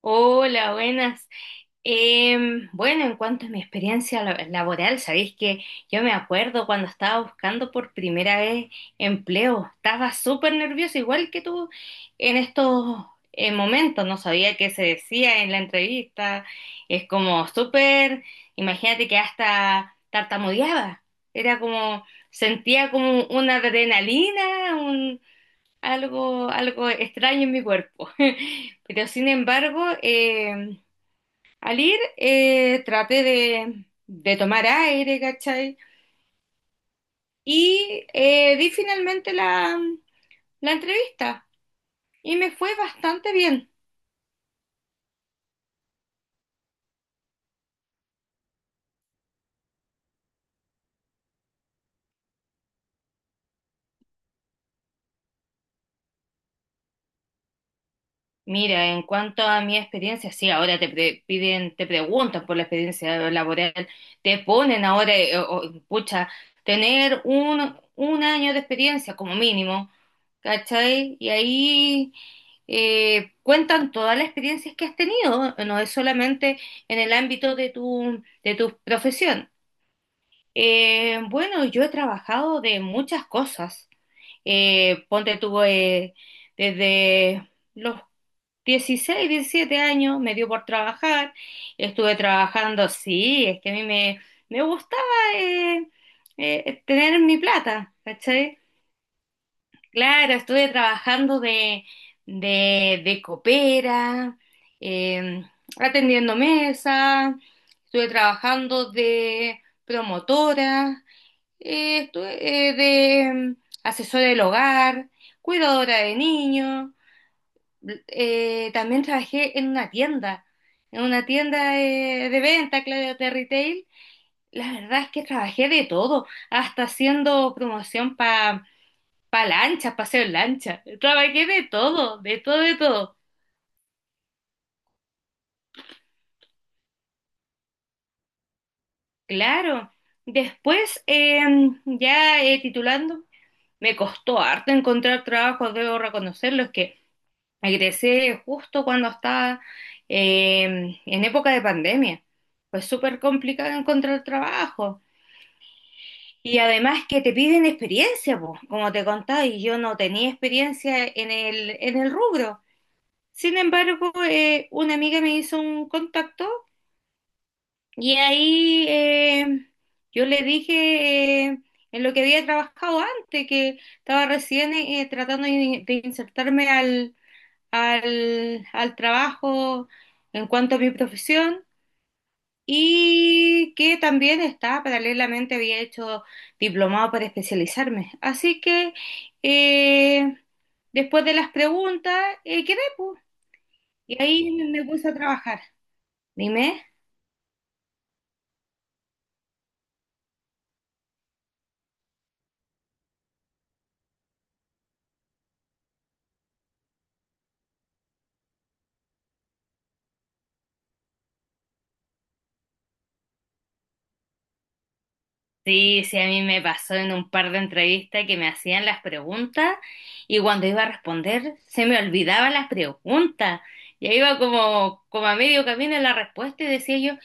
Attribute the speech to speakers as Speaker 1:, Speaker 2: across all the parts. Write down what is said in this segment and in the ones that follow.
Speaker 1: Hola, buenas. Bueno, en cuanto a mi experiencia laboral, sabéis que yo me acuerdo cuando estaba buscando por primera vez empleo, estaba súper nerviosa, igual que tú en estos momentos. No sabía qué se decía en la entrevista, es como súper, imagínate que hasta tartamudeaba, era como, sentía como una adrenalina, algo extraño en mi cuerpo. Pero sin embargo, al ir traté de tomar aire, ¿cachai? Y di finalmente la entrevista y me fue bastante bien. Mira, en cuanto a mi experiencia, sí, ahora piden, te preguntan por la experiencia laboral, te ponen ahora, pucha, tener un año de experiencia como mínimo, ¿cachai? Y ahí cuentan todas las experiencias que has tenido, no es solamente en el ámbito de de tu profesión. Bueno, yo he trabajado de muchas cosas. Ponte tú desde los 16 o 17 años, me dio por trabajar, estuve trabajando, sí, es que a me gustaba eh, tener mi plata, ¿cachai? Claro, estuve trabajando de copera, eh, atendiendo mesa, estuve trabajando de promotora, estuve asesora del hogar, cuidadora de niños, también trabajé en una tienda de venta, claro, de retail. La verdad es que trabajé de todo, hasta haciendo promoción para pa lanchas, paseo en lancha. Trabajé de todo, de todo, de todo. Claro. Después, ya titulando, me costó harto encontrar trabajo, debo reconocerlo, es que egresé justo cuando estaba en época de pandemia. Fue súper complicado encontrar trabajo. Y además que te piden experiencia, pues, como te contaba, y yo no tenía experiencia en en el rubro. Sin embargo, una amiga me hizo un contacto y ahí yo le dije en lo que había trabajado antes, que estaba recién tratando de insertarme al trabajo en cuanto a mi profesión, y que también está, paralelamente había hecho diplomado para especializarme. Así que eh, después de las preguntas, quedé, pues, y ahí me puse a trabajar. Dime. Sí, sí, a mí me pasó en un par de entrevistas que me hacían las preguntas y cuando iba a responder se me olvidaban las preguntas. Ya iba como a medio camino en la respuesta, y decía yo,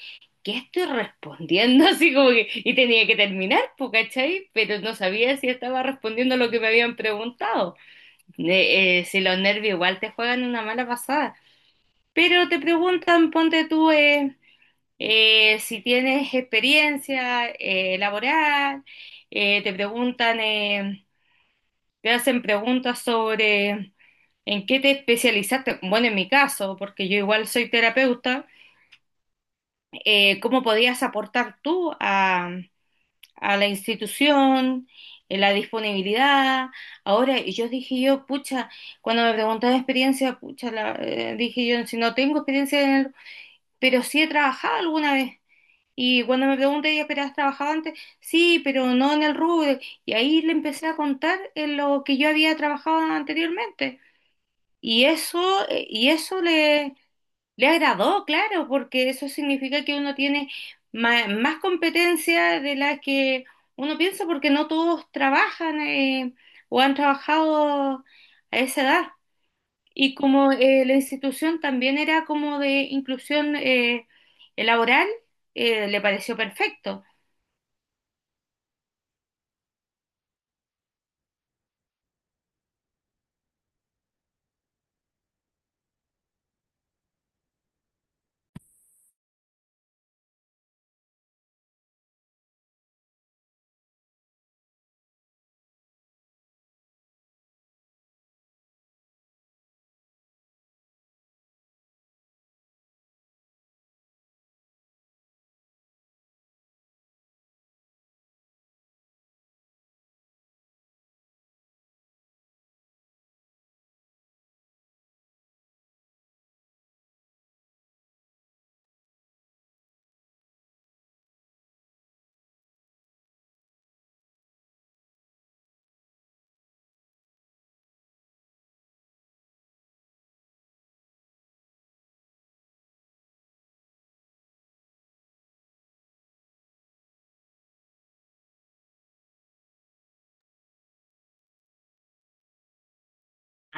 Speaker 1: ¿qué estoy respondiendo? Así como que, y tenía que terminar, po, ¿cachai? Pero no sabía si estaba respondiendo lo que me habían preguntado. Si los nervios igual te juegan una mala pasada. Pero te preguntan, ponte tú, si tienes experiencia laboral, te preguntan, te hacen preguntas sobre en qué te especializaste. Bueno, en mi caso, porque yo igual soy terapeuta, ¿cómo podías aportar tú a la institución? La disponibilidad, ahora, y yo dije yo, pucha, cuando me preguntaron experiencia, pucha, dije yo, si no tengo experiencia en el, pero sí he trabajado alguna vez. Y cuando me pregunté, ¿ya pero has trabajado antes? Sí, pero no en el rubro. Y ahí le empecé a contar en lo que yo había trabajado anteriormente. Y eso, le agradó, claro, porque eso significa que uno tiene más competencia de la que uno piensa, porque no todos trabajan o han trabajado a esa edad. Y como la institución también era como de inclusión laboral, le pareció perfecto.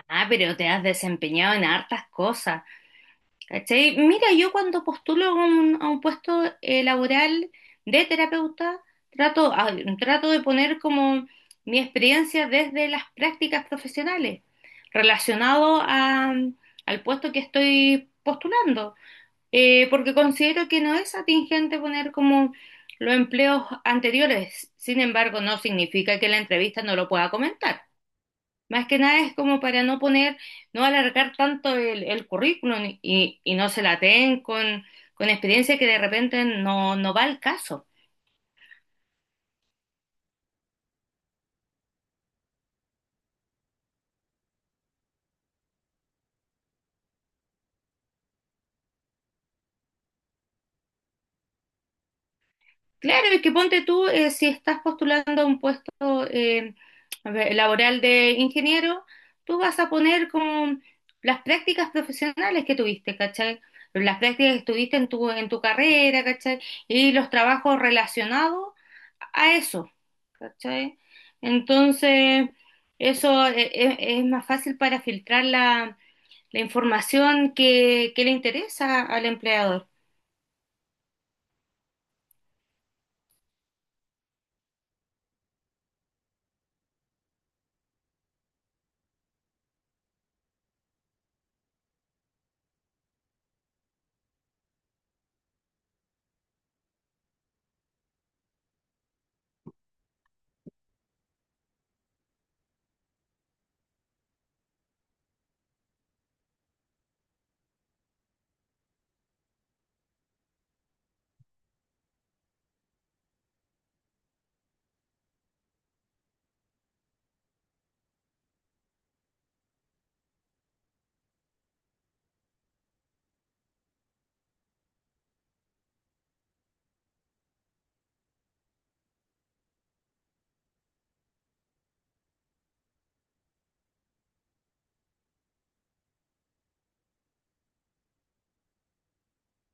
Speaker 1: Ah, pero te has desempeñado en hartas cosas, ¿cachai? Mira, yo cuando postulo a a un puesto laboral de terapeuta, trato, ah, trato de poner como mi experiencia desde las prácticas profesionales, relacionado al puesto que estoy postulando, porque considero que no es atingente poner como los empleos anteriores. Sin embargo, no significa que la entrevista no lo pueda comentar. Más que nada es como para no poner, no alargar tanto el currículum, y no se la den con experiencia que de repente no va al caso. Claro, es que ponte tú, si estás postulando a un puesto a ver, laboral de ingeniero, tú vas a poner como las prácticas profesionales que tuviste, ¿cachai? Las prácticas que tuviste en en tu carrera, ¿cachai? Y los trabajos relacionados a eso, ¿cachai? Entonces, más fácil para filtrar la información que le interesa al empleador.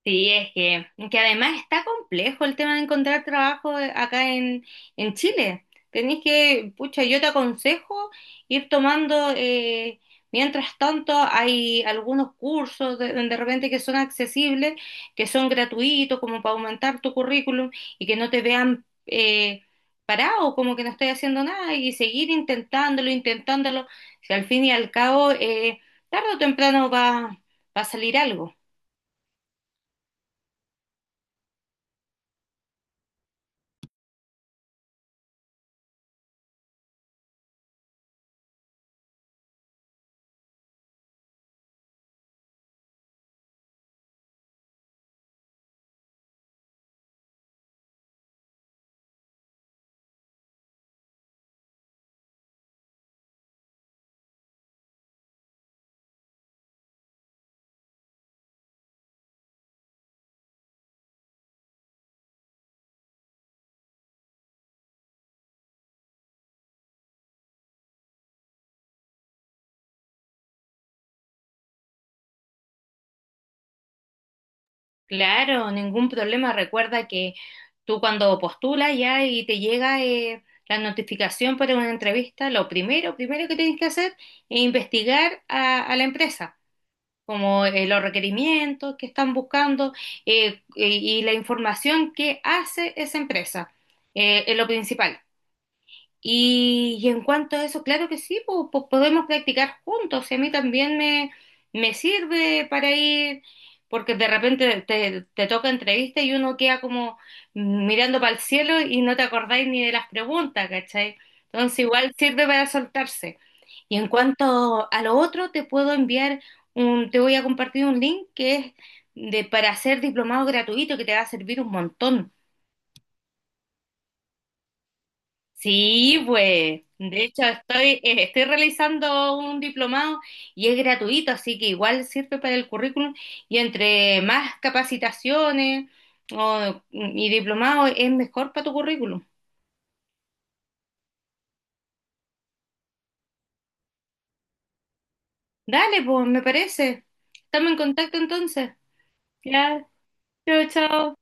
Speaker 1: Sí, es que además está complejo el tema de encontrar trabajo acá en Chile. Tenés que, pucha, yo te aconsejo ir tomando, mientras tanto hay algunos cursos de repente que son accesibles, que son gratuitos, como para aumentar tu currículum y que no te vean parado, como que no estoy haciendo nada, y seguir intentándolo, intentándolo. Si al fin y al cabo, tarde o temprano va a salir algo. Claro, ningún problema. Recuerda que tú cuando postulas ya y te llega la notificación para una entrevista, lo primero, primero que tienes que hacer es investigar a la empresa, como los requerimientos que están buscando, y la información que hace esa empresa. Es lo principal. Y en cuanto a eso, claro que sí, pues podemos practicar juntos. Y a mí también me sirve para ir, porque de repente te toca entrevista y uno queda como mirando para el cielo y no te acordáis ni de las preguntas, ¿cachai? Entonces igual sirve para soltarse. Y en cuanto a lo otro, te puedo enviar un, te voy a compartir un link que es de, para hacer diplomado gratuito que te va a servir un montón. Sí, pues, de hecho estoy, estoy realizando un diplomado y es gratuito, así que igual sirve para el currículum, y entre más capacitaciones y diplomado es mejor para tu currículum. Dale, pues, me parece. Estamos en contacto entonces. Ya, chao, chao.